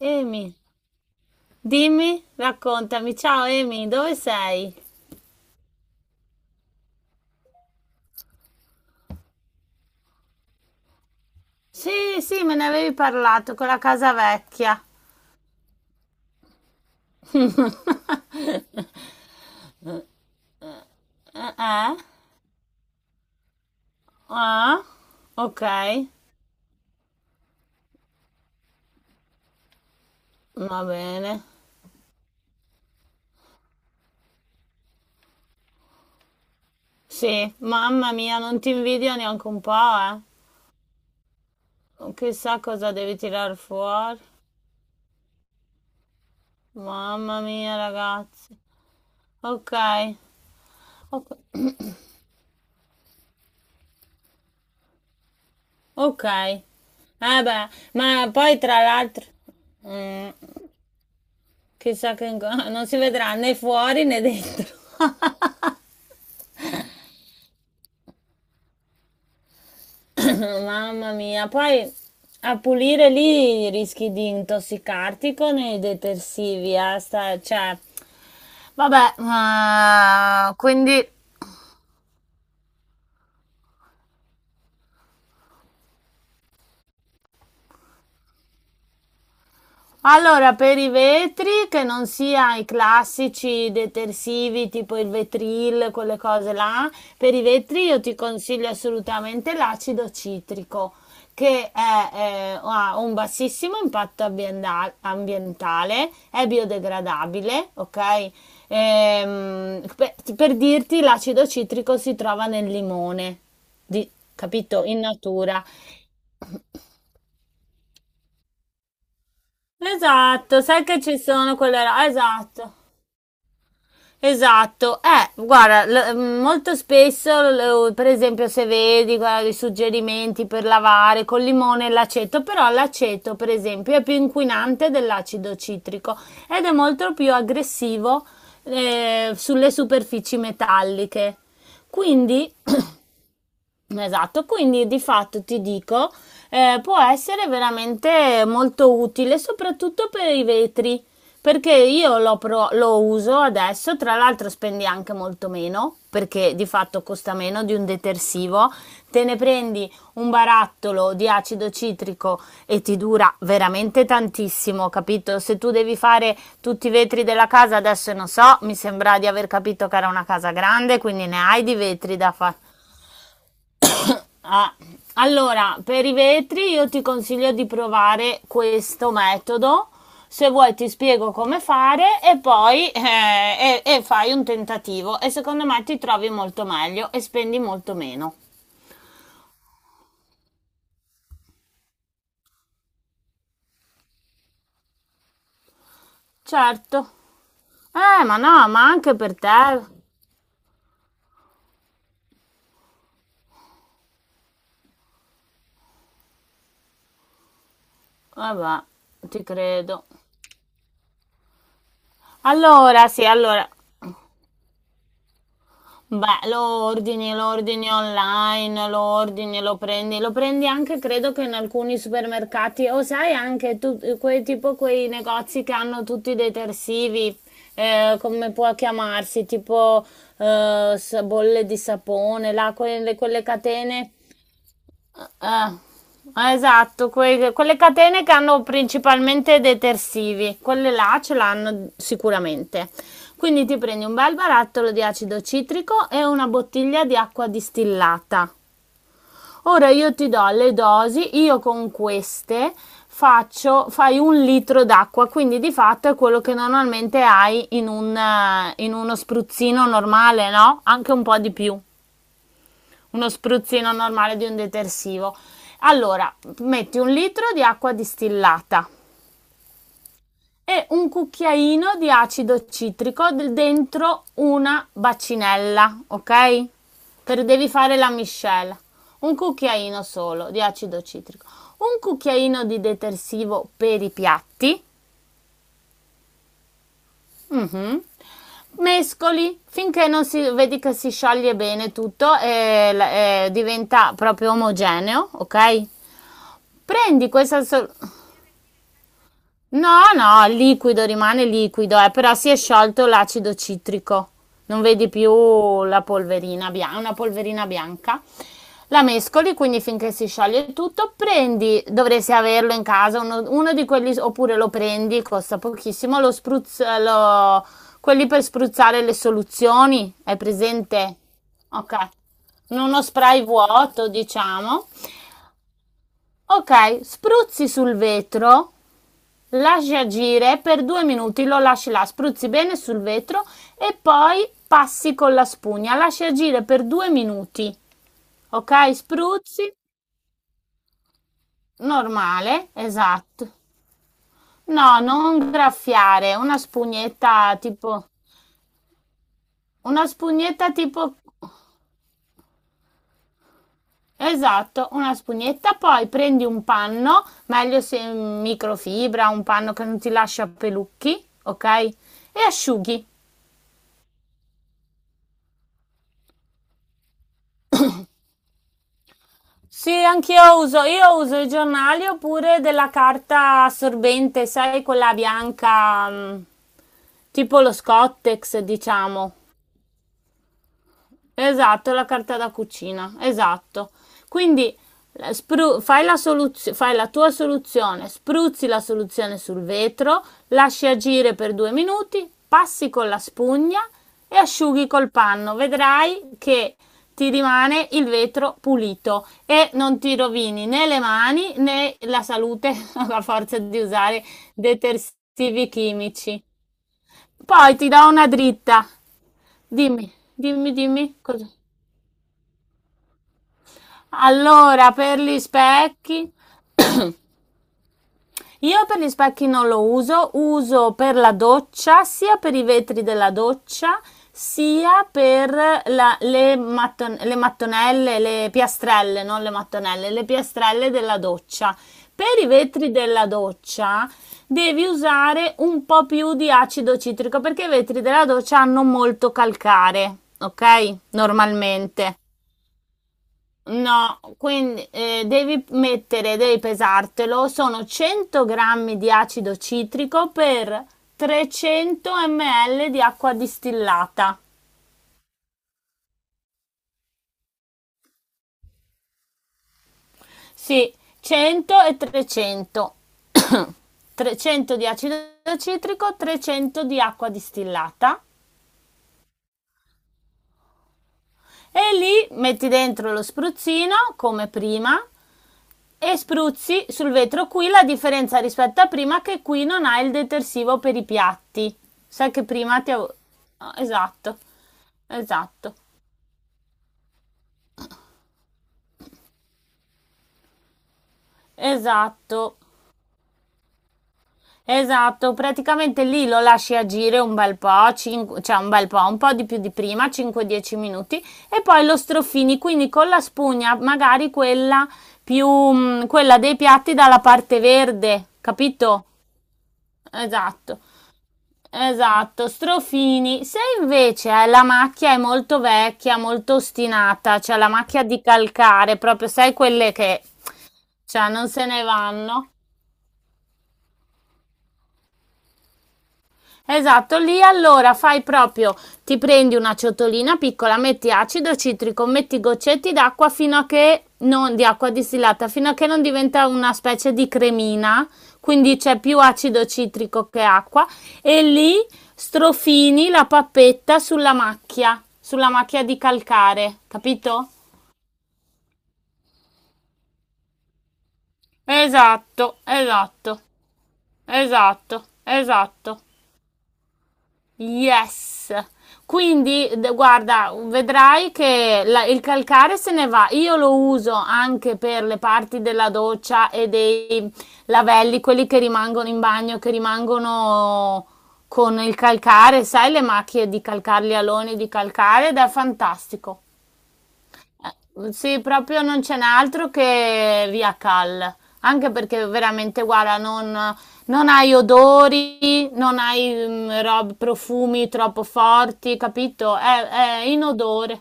Amy, dimmi, raccontami. Ciao Amy, dove sei? Sì, sì, me ne avevi parlato con la casa vecchia. Eh? Eh? Ah, ok, va bene. Sì, mamma mia, non ti invidio neanche un po', eh. Chissà cosa devi tirar fuori. Mamma mia, ragazzi. Ok, ok. Ok. Eh beh, ma poi tra l'altro... Mm, chissà che... Non si vedrà né fuori né dentro. Mamma mia, poi a pulire lì rischi di intossicarti con i detersivi, cioè, vabbè, quindi. Allora, per i vetri, che non sia i classici detersivi tipo il Vetril, quelle cose là, per i vetri io ti consiglio assolutamente l'acido citrico, che è, ha un bassissimo impatto ambientale, è biodegradabile, ok? Per dirti, l'acido citrico si trova nel limone, di- capito? In natura. Esatto, sai che ci sono quelle là, esatto. Esatto, guarda, molto spesso, per esempio, se vedi, guarda, i suggerimenti per lavare col limone e l'aceto, però l'aceto, per esempio, è più inquinante dell'acido citrico ed è molto più aggressivo sulle superfici metalliche. Quindi esatto, quindi di fatto ti dico, può essere veramente molto utile, soprattutto per i vetri, perché io lo, lo uso adesso, tra l'altro spendi anche molto meno, perché di fatto costa meno di un detersivo, te ne prendi un barattolo di acido citrico e ti dura veramente tantissimo, capito? Se tu devi fare tutti i vetri della casa, adesso non so, mi sembra di aver capito che era una casa grande, quindi ne hai di vetri da fare. Ah, allora, per i vetri io ti consiglio di provare questo metodo. Se vuoi ti spiego come fare e poi e fai un tentativo e secondo me ti trovi molto meglio e spendi molto meno. Certo. Ma no, ma anche per te. Vabbè, ti credo. Allora, sì, allora. Beh, lo ordini online, lo prendi anche credo che in alcuni supermercati o sai anche tu, quei, tipo quei negozi che hanno tutti i detersivi, come può chiamarsi, tipo bolle di sapone, là, quelle, quelle catene eh, esatto, quelle catene che hanno principalmente detersivi, quelle là ce l'hanno sicuramente. Quindi ti prendi un bel barattolo di acido citrico e una bottiglia di acqua distillata. Ora io ti do le dosi, io con queste fai un litro d'acqua, quindi di fatto è quello che normalmente hai in un, in uno spruzzino normale, no? Anche un po' di più uno spruzzino normale di un detersivo. Allora, metti un litro di acqua distillata e un cucchiaino di acido citrico dentro una bacinella, ok? Per devi fare la miscela. Un cucchiaino solo di acido citrico, un cucchiaino di detersivo per i piatti. Mhm. Mescoli finché non si vedi che si scioglie bene tutto e diventa proprio omogeneo, ok? Prendi questa... no, no, il liquido rimane liquido, però si è sciolto l'acido citrico. Non vedi più la polverina bianca, una polverina bianca. La mescoli, quindi finché si scioglie tutto, prendi, dovresti averlo in casa, uno, uno di quelli, oppure lo prendi, costa pochissimo, quelli per spruzzare le soluzioni, hai presente? Ok, uno spray vuoto, diciamo. Ok, spruzzi sul vetro. Lasci agire per due minuti, lo lasci là, spruzzi bene sul vetro e poi passi con la spugna. Lasci agire per due minuti, ok? Spruzzi, normale, esatto. No, non graffiare, una spugnetta tipo... Una spugnetta tipo... Esatto, una spugnetta, poi prendi un panno, meglio se microfibra, un panno che non ti lascia pelucchi, ok? E asciughi. Sì, io uso i giornali oppure della carta assorbente, sai, quella bianca, mm, tipo lo Scottex, diciamo. Esatto, la carta da cucina, esatto. Quindi fai la tua soluzione, spruzzi la soluzione sul vetro, lasci agire per due minuti, passi con la spugna e asciughi col panno. Vedrai che ti rimane il vetro pulito e non ti rovini né le mani né la salute a forza di usare detersivi chimici. Poi ti do una dritta. Dimmi, dimmi, dimmi cosa. Allora, per gli specchi, io per gli specchi non lo uso, uso per la doccia, sia per i vetri della doccia, sia per le mattonelle, le piastrelle, non le mattonelle, le piastrelle della doccia. Per i vetri della doccia devi usare un po' più di acido citrico perché i vetri della doccia hanno molto calcare, ok? Normalmente. No, quindi devi mettere, devi pesartelo, sono 100 grammi di acido citrico per 300 ml di acqua distillata. Sì, 100 e 300. 300 di acido citrico, 300 di acqua distillata. E lì metti dentro lo spruzzino come prima. E spruzzi sul vetro, qui la differenza rispetto a prima che qui non ha il detersivo per i piatti. Sai che prima ti avevo... Ah, esatto, esatto, esatto, esatto. Praticamente lì lo lasci agire un bel po', cioè un bel po', un po' di più di prima, 5-10 minuti, e poi lo strofini, quindi con la spugna, magari quella più, mm, quella dei piatti dalla parte verde, capito? Esatto. Esatto, strofini. Se invece hai la macchia è molto vecchia, molto ostinata, cioè la macchia di calcare, proprio sai quelle che, cioè, non se ne vanno, esatto, lì allora fai proprio, ti prendi una ciotolina piccola, metti acido citrico, metti goccetti d'acqua fino a che non, di acqua distillata, fino a che non diventa una specie di cremina, quindi c'è più acido citrico che acqua, e lì strofini la pappetta sulla macchia di calcare, capito? Esatto, esatto, esatto, esatto. Yes. Quindi, guarda, vedrai che il calcare se ne va. Io lo uso anche per le parti della doccia e dei lavelli, quelli che rimangono in bagno, che rimangono con il calcare, sai, le macchie di calcare, gli aloni di calcare, ed è fantastico. Sì, proprio non ce n'è altro che Via Cal, anche perché veramente, guarda, non, non hai odori, non hai mm, rob- profumi troppo forti, capito? È inodore.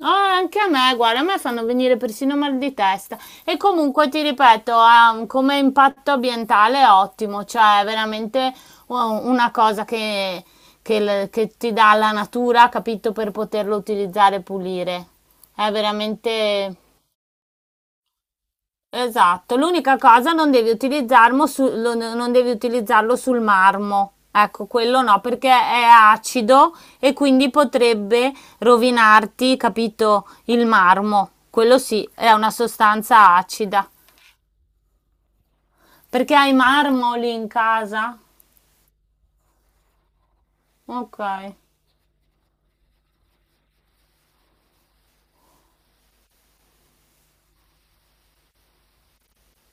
Ah, anche a me, guarda, a me fanno venire persino mal di testa. E comunque ti ripeto, come impatto ambientale è ottimo, cioè è veramente una cosa che, che ti dà la natura, capito, per poterlo utilizzare e pulire. È veramente. Esatto, l'unica cosa non devi utilizzarlo, non devi utilizzarlo sul marmo. Ecco, quello no, perché è acido e quindi potrebbe rovinarti, capito, il marmo. Quello sì, è una sostanza acida. Perché hai marmo lì in casa? Ok.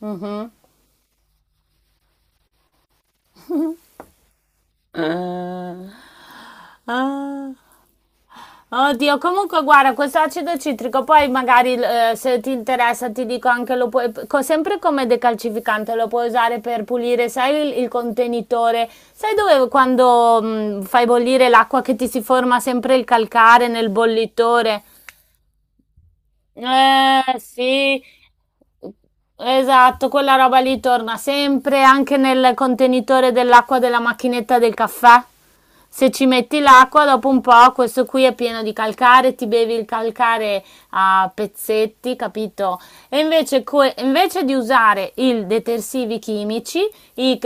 Mhm. Ah, ah. Oddio, comunque guarda, questo acido citrico, poi magari se ti interessa ti dico anche, lo puoi, sempre come decalcificante, lo puoi usare per pulire, sai il contenitore, sai dove quando fai bollire l'acqua che ti si forma sempre il calcare nel bollitore? Sì, esatto, quella roba lì torna sempre anche nel contenitore dell'acqua della macchinetta del caffè. Se ci metti l'acqua, dopo un po', questo qui è pieno di calcare, ti bevi il calcare a pezzetti, capito? E invece, invece di usare i detersivi chimici, i, i-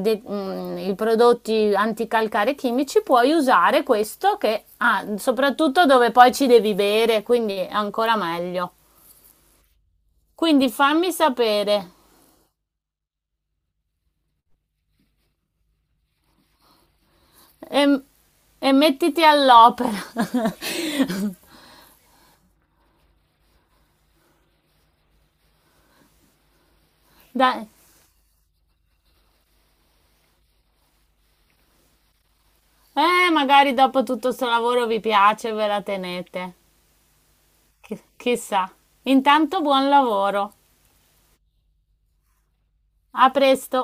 i prodotti anticalcare chimici, puoi usare questo che soprattutto dove poi ci devi bere, quindi è ancora meglio. Quindi fammi sapere e, e mettiti all'opera. Dai. Magari dopo tutto sto lavoro vi piace, e ve la tenete. Chissà. Intanto buon lavoro. A presto.